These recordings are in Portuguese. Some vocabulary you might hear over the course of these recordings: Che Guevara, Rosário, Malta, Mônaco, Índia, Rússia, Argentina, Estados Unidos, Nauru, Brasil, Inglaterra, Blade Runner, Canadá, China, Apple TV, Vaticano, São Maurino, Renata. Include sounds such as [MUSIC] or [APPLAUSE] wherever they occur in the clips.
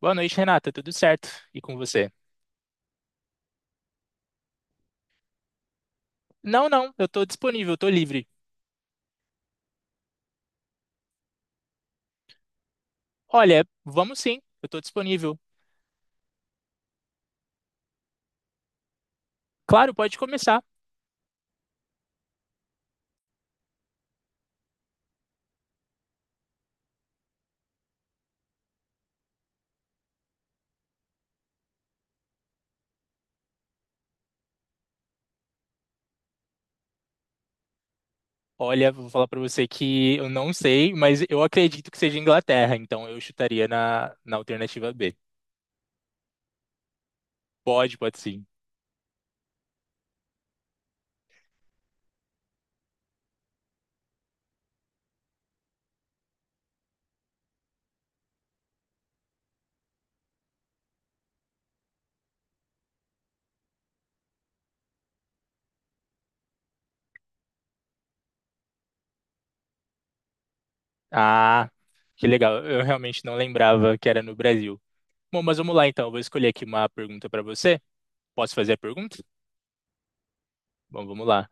Boa noite, Renata. Tudo certo? E com você? Não, não, eu tô disponível, tô livre. Olha, vamos sim, eu tô disponível. Claro, pode começar. Olha, vou falar pra você que eu não sei, mas eu acredito que seja Inglaterra, então eu chutaria na alternativa B. Pode sim. Ah, que legal. Eu realmente não lembrava que era no Brasil. Bom, mas vamos lá então. Eu vou escolher aqui uma pergunta pra você. Posso fazer a pergunta? Bom, vamos lá.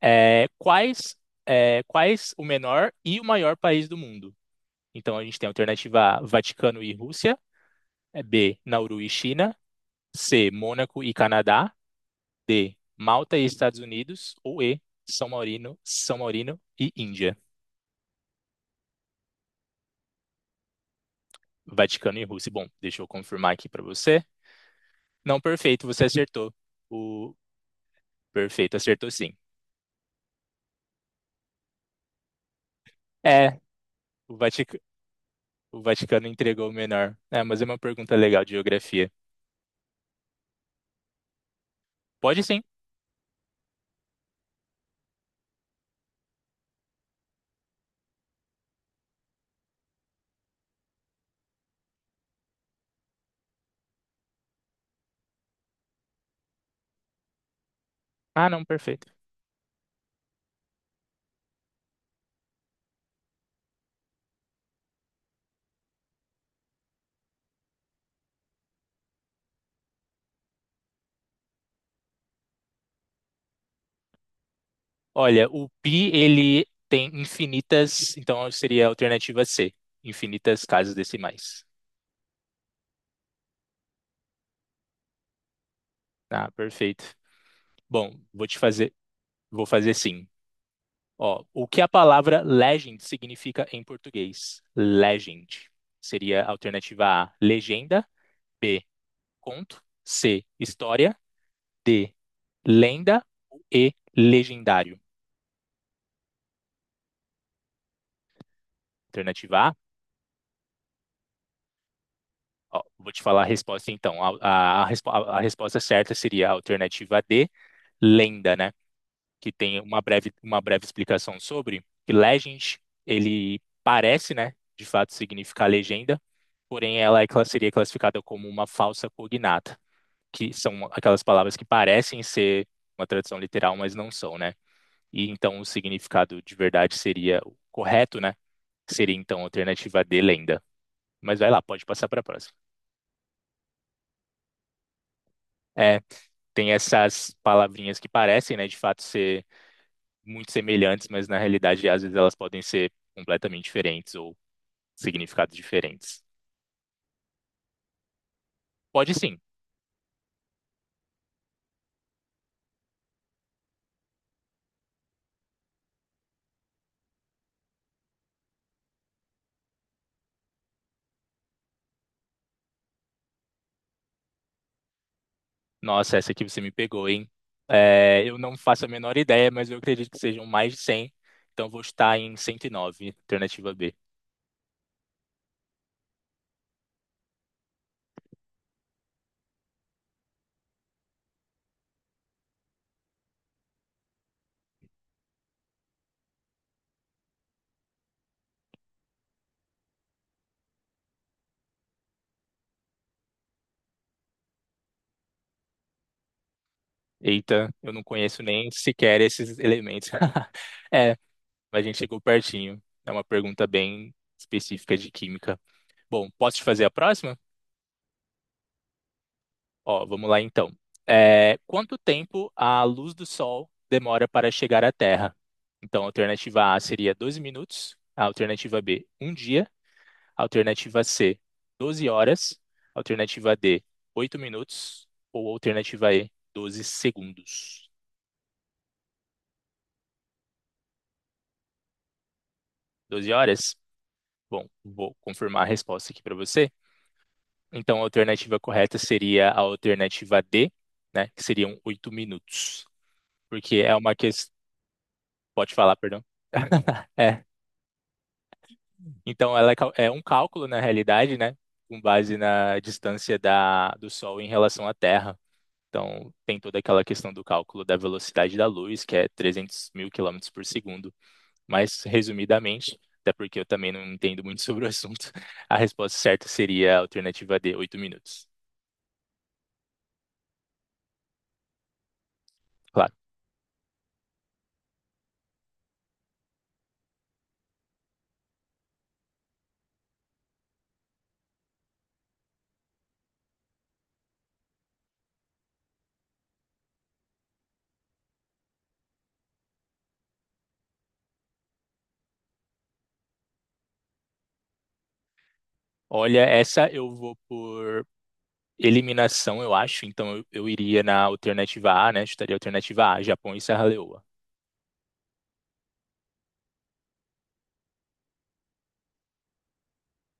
É, quais, quais o menor e o maior país do mundo? Então a gente tem a alternativa A, Vaticano e Rússia, B, Nauru e China, C, Mônaco e Canadá, D, Malta e Estados Unidos, ou E, São Maurino e Índia. Vaticano e Rússia. Bom, deixa eu confirmar aqui para você. Não, perfeito, você acertou. O Perfeito, acertou sim. É, o Vaticano entregou o menor. É, mas é uma pergunta legal de geografia. Pode sim. Ah, não, perfeito. Olha, o pi ele tem infinitas, então seria a alternativa C, infinitas casas decimais. Ah, perfeito. Bom, vou fazer sim. Ó, o que a palavra legend significa em português? Legend. Seria a alternativa A, legenda, B, conto, C, história, D, lenda e legendário. Alternativa A. Ó, vou te falar a resposta então. A resposta certa seria a alternativa D, lenda, né? Que tem uma breve explicação sobre, que legend, ele parece, né, de fato significar legenda, porém ela é seria classificada como uma falsa cognata, que são aquelas palavras que parecem ser uma tradução literal, mas não são, né? E então o significado de verdade seria o correto, né? Seria então a alternativa de lenda. Mas vai lá, pode passar para a próxima. É, tem essas palavrinhas que parecem, né, de fato ser muito semelhantes, mas na realidade, às vezes, elas podem ser completamente diferentes ou significados diferentes. Pode sim. Nossa, essa aqui você me pegou, hein? É, eu não faço a menor ideia, mas eu acredito que sejam mais de 100. Então vou estar em 109, alternativa B. Eita, eu não conheço nem sequer esses elementos. [LAUGHS] É, mas a gente chegou pertinho. É uma pergunta bem específica de química. Bom, posso te fazer a próxima? Ó, vamos lá então. É, quanto tempo a luz do Sol demora para chegar à Terra? Então, a alternativa A seria 12 minutos, a alternativa B, um dia, a alternativa C, 12 horas, a alternativa D, 8 minutos, ou a alternativa E, 12 segundos. 12 horas? Bom, vou confirmar a resposta aqui para você. Então, a alternativa correta seria a alternativa D, né, que seriam 8 minutos, porque é uma questão. Pode falar, perdão. [LAUGHS] É, então, ela é é um cálculo, na realidade, né? Com base na distância da, do Sol em relação à Terra. Então, tem toda aquela questão do cálculo da velocidade da luz, que é 300 mil quilômetros por segundo. Mas, resumidamente, até porque eu também não entendo muito sobre o assunto, [LAUGHS] a resposta certa seria a alternativa D, 8 minutos. Claro. Olha, essa eu vou por eliminação, eu acho. Então, eu iria na alternativa A, né? Chutaria a alternativa A, Japão e Serra Leoa.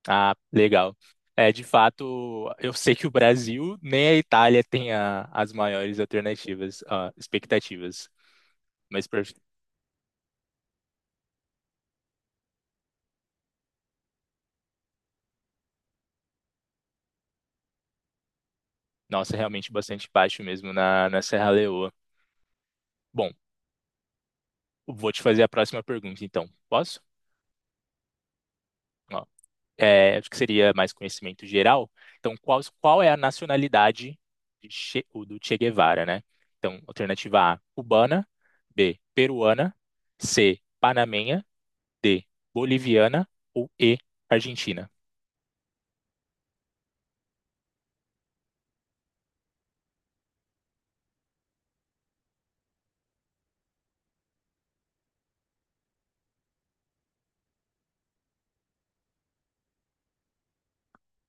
Ah, legal. É, de fato, eu sei que o Brasil nem a Itália tem as maiores alternativas, ah, expectativas. Mas, nossa, é realmente bastante baixo mesmo na Serra Leoa. Bom, vou te fazer a próxima pergunta, então. Posso? Ó, é, acho que seria mais conhecimento geral. Então, qual é a nacionalidade o do Che Guevara, né? Então, alternativa A, cubana. B, peruana. C, panamenha. D. Boliviana ou E. Argentina?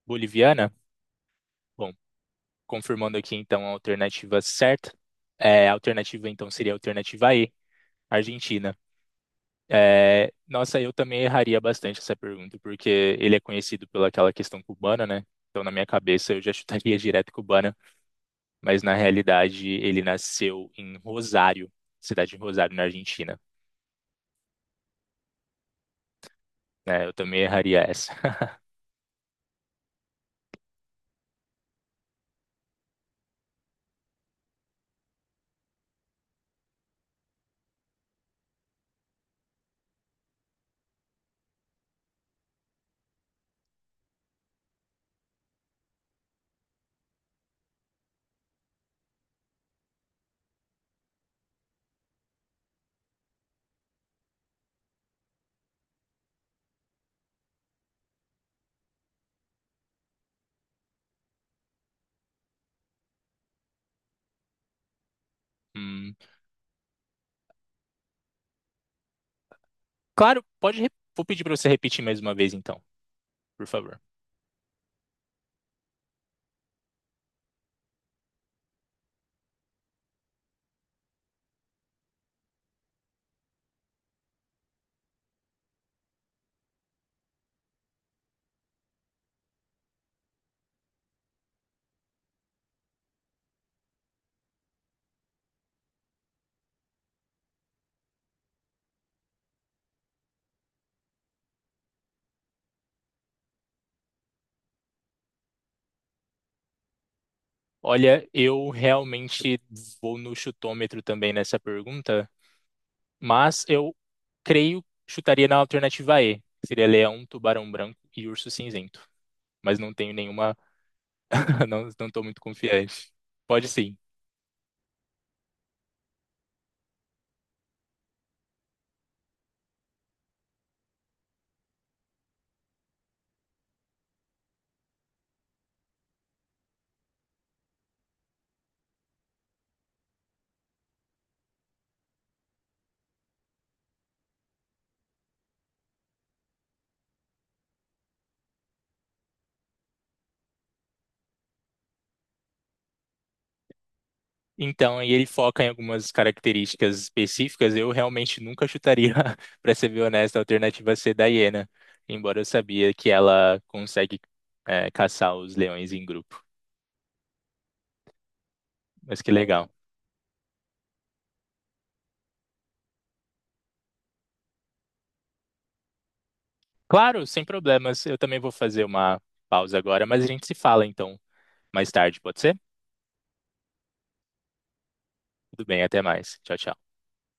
Boliviana? Bom, confirmando aqui então a alternativa certa. É, a alternativa então seria a alternativa E. Argentina. É, nossa, eu também erraria bastante essa pergunta, porque ele é conhecido pelaquela questão cubana, né? Então, na minha cabeça, eu já chutaria direto cubana, mas na realidade ele nasceu em Rosário, cidade de Rosário, na Argentina. Né? Eu também erraria essa. [LAUGHS] Hum, claro, vou pedir para você repetir mais uma vez, então, por favor. Olha, eu realmente vou no chutômetro também nessa pergunta, mas eu creio chutaria na alternativa E, que seria leão, tubarão branco e urso cinzento. Mas não tenho nenhuma, [LAUGHS] não estou muito confiante. Pode sim. Então, aí ele foca em algumas características específicas. Eu realmente nunca chutaria, [LAUGHS] para ser bem honesto, a alternativa C da hiena, embora eu sabia que ela consegue, caçar os leões em grupo. Mas que legal. Claro, sem problemas. Eu também vou fazer uma pausa agora, mas a gente se fala então mais tarde, pode ser? Tudo bem, até mais. Tchau, tchau.